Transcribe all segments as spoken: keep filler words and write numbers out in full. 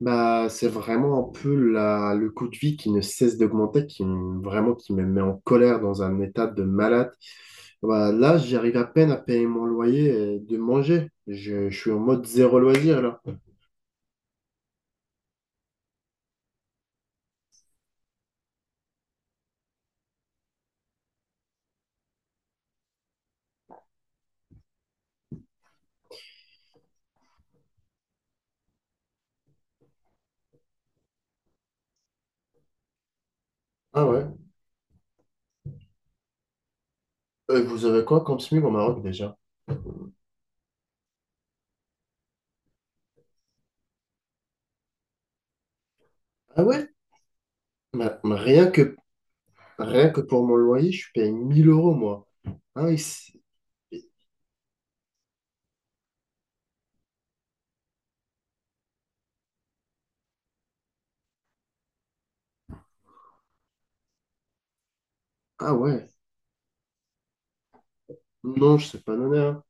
Bah, c'est vraiment un peu la, le coût de vie qui ne cesse d'augmenter, qui me- vraiment qui me met en colère dans un état de malade. Bah, là, j'arrive à peine à payer mon loyer et de manger. Je, je suis en mode zéro loisir là. Ah ouais. Euh, vous avez quoi comme SMIC au Maroc déjà? Ah ouais? Bah, bah, rien que, rien que pour mon loyer, je paye mille euros moi. Ah, ici- ah ouais. Non, je sais pas donner, hein.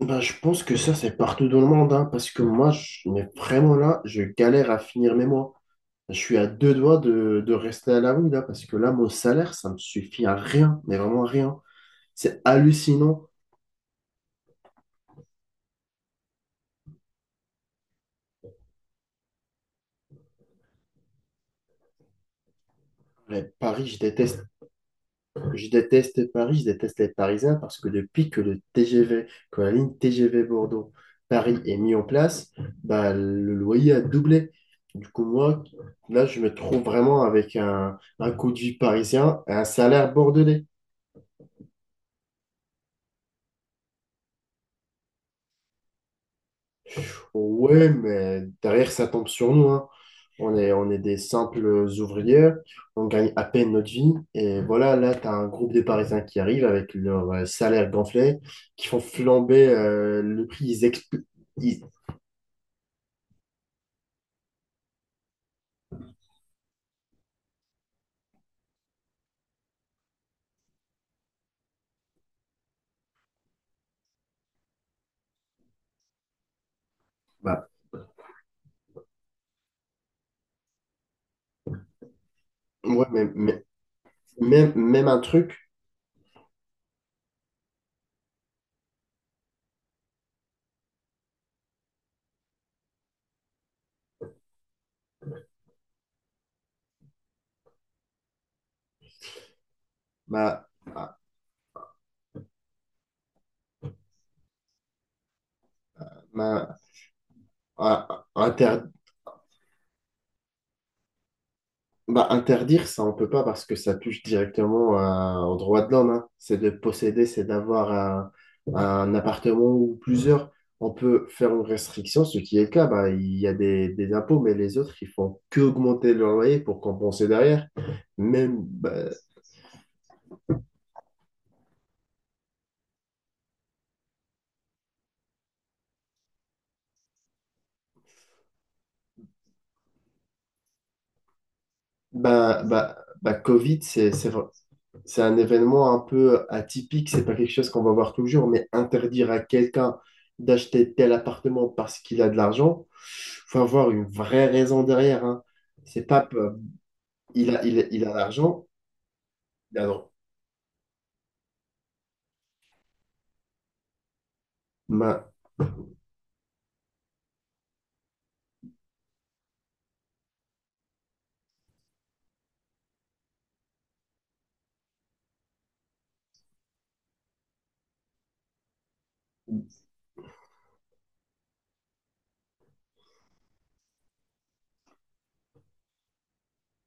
Ben, je pense que ça, c'est partout dans le monde, hein, parce que moi, je, mais vraiment là, je galère à finir mes mois. Je suis à deux doigts de, de rester à la rue, là, parce que là, mon salaire, ça me suffit à rien, mais vraiment rien. C'est hallucinant. Mais Paris, je déteste. Je déteste Paris, je déteste les Parisiens, parce que depuis que le T G V, que la ligne T G V Bordeaux-Paris est mise en place, bah, le loyer a doublé. Du coup, moi, là, je me trouve vraiment avec un, un coût de vie parisien et un salaire bordelais. Ouais, mais derrière, ça tombe sur nous, hein. On est, on est des simples ouvriers, on gagne à peine notre vie. Et voilà, là, tu as un groupe de Parisiens qui arrivent avec leur euh, salaire gonflé, qui font flamber euh, le prix. Ils expl- ils- bah, ouais, mais- mais- même, même un truc m'a bah, bah, ah, bah, interdire, ça, on peut pas parce que ça touche directement à- aux droits de l'homme, hein. C'est de posséder, c'est d'avoir un, un appartement ou plusieurs. On peut faire une restriction, ce qui est le cas. Bah, il y a des, des impôts, mais les autres, ils font que augmenter leur loyer pour compenser derrière. Même, bah, bah, bah, bah, Covid, c'est, c'est, c'est un événement un peu atypique, c'est pas quelque chose qu'on va voir toujours, mais interdire à quelqu'un d'acheter tel appartement parce qu'il a de l'argent, faut avoir une vraie raison derrière, hein. C'est pas, euh, il a, il, a il a l'argent, alors,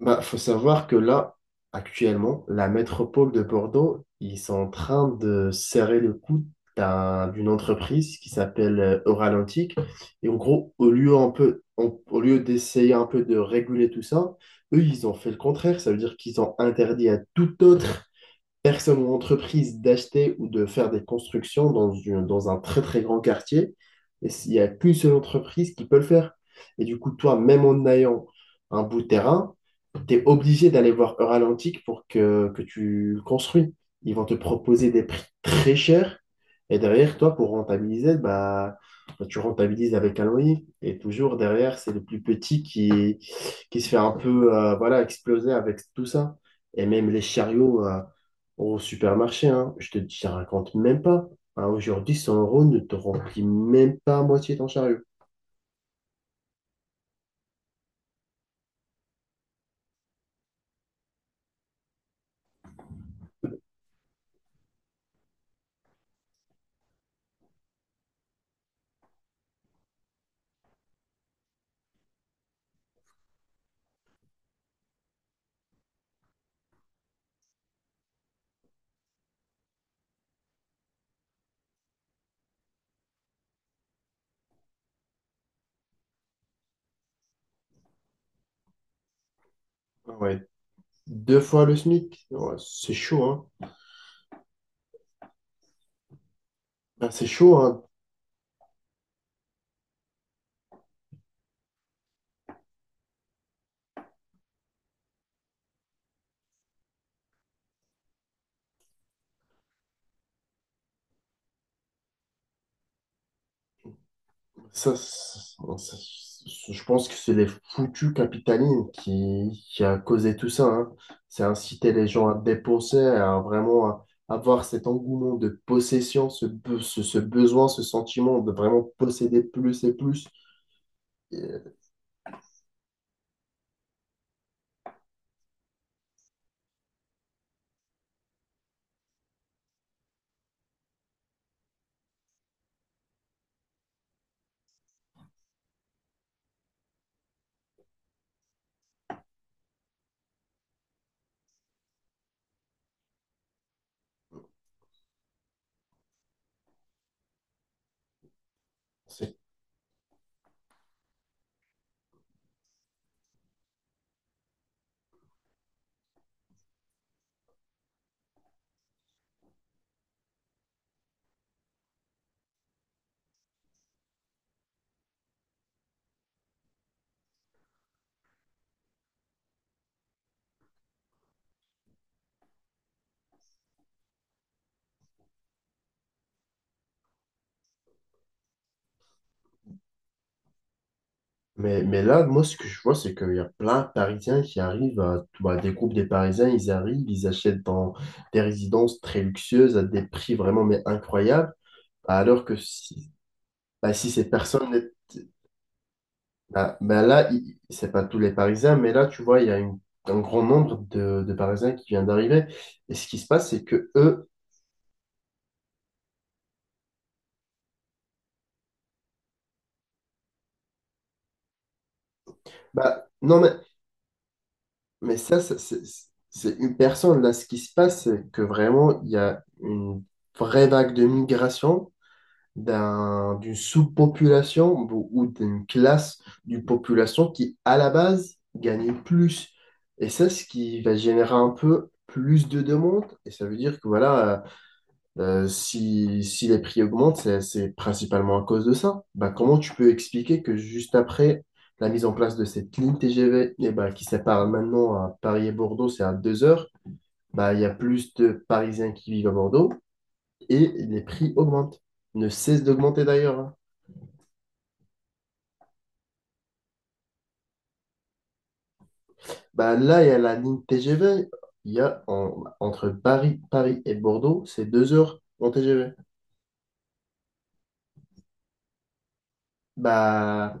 bah, faut savoir que là, actuellement, la métropole de Bordeaux, ils sont en train de serrer le coude d'un- d'une entreprise qui s'appelle euh, Oralantic. Et en gros, au lieu un peu, en- au lieu d'essayer un peu de réguler tout ça, eux, ils ont fait le contraire. Ça veut dire qu'ils ont interdit à toute autre personne ou entreprise d'acheter ou de faire des constructions dans, une- dans un très très grand quartier. Et s'il n'y a qu'une seule entreprise qui peut le faire. Et du coup, toi, même en ayant un bout de terrain, tu es obligé d'aller voir Euralantic pour que, que tu le construis. Ils vont te proposer des prix très chers. Et derrière, toi, pour rentabiliser, bah, bah, tu rentabilises avec un loyer. Et toujours derrière, c'est le plus petit qui, qui se fait un peu euh, voilà, exploser avec tout ça. Et même les chariots, euh, au supermarché, hein, je te dis, je te raconte même pas. Hein, aujourd'hui, cent euros ne te remplit même pas à moitié ton chariot. Ouais, deux fois le SMIC. Ouais, c'est chaud, hein. Ah, c'est chaud, hein. Ça, ça- ça- je pense que c'est les foutus capitalisme qui, qui a causé tout ça, hein. C'est inciter les gens à dépenser, à vraiment à- avoir cet engouement de possession, ce, be- ce, ce besoin, ce sentiment de vraiment posséder plus et plus. Et C'est Mais, mais là, moi, ce que je vois, c'est qu'il y a plein de Parisiens qui arrivent à, bah, des groupes des Parisiens, ils arrivent, ils achètent dans des résidences très luxueuses à des prix vraiment mais incroyables, alors que si, bah, si ces personnes, n'est- bah, bah là, il- c'est pas tous les Parisiens, mais là, tu vois, il y a une- un grand nombre de, de Parisiens qui viennent d'arriver, et ce qui se passe, c'est que eux, bah, non, mais, mais ça, ça, c'est c'est une personne, là, ce qui se passe, c'est que vraiment, il y a une vraie vague de migration d'un, d'une sous-population ou ou d'une classe d'une population qui, à la base, gagne plus. Et ça, ce qui va générer un peu plus de demandes. Et ça veut dire que voilà, euh, euh, si, si les prix augmentent, c'est, c'est principalement à cause de ça. Bah, comment tu peux expliquer que juste après la mise en place de cette ligne T G V eh ben, qui sépare maintenant à Paris et Bordeaux, c'est à deux heures, bah, il y a plus de Parisiens qui vivent à Bordeaux et les prix augmentent. Ne cessent d'augmenter d'ailleurs, hein. Bah là, il y a la ligne T G V. Il y a en- entre Paris, Paris et Bordeaux, c'est deux heures en T G V. Bah,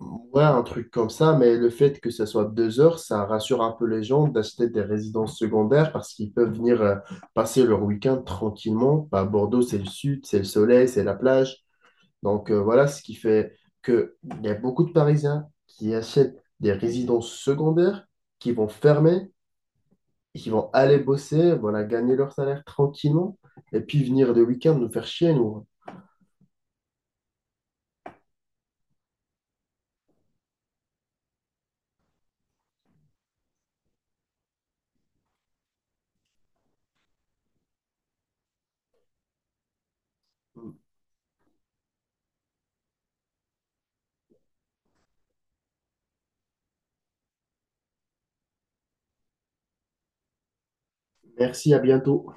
ouais, un truc comme ça, mais le fait que ça soit deux heures, ça rassure un peu les gens d'acheter des résidences secondaires parce qu'ils peuvent venir euh, passer leur week-end tranquillement. Bah, Bordeaux, c'est le sud, c'est le soleil, c'est la plage. Donc euh, voilà ce qui fait que il y a beaucoup de Parisiens qui achètent des résidences secondaires qui vont fermer qui vont aller bosser, voilà, gagner leur salaire tranquillement, et puis venir le week-end nous faire chier, nous. Merci, à bientôt.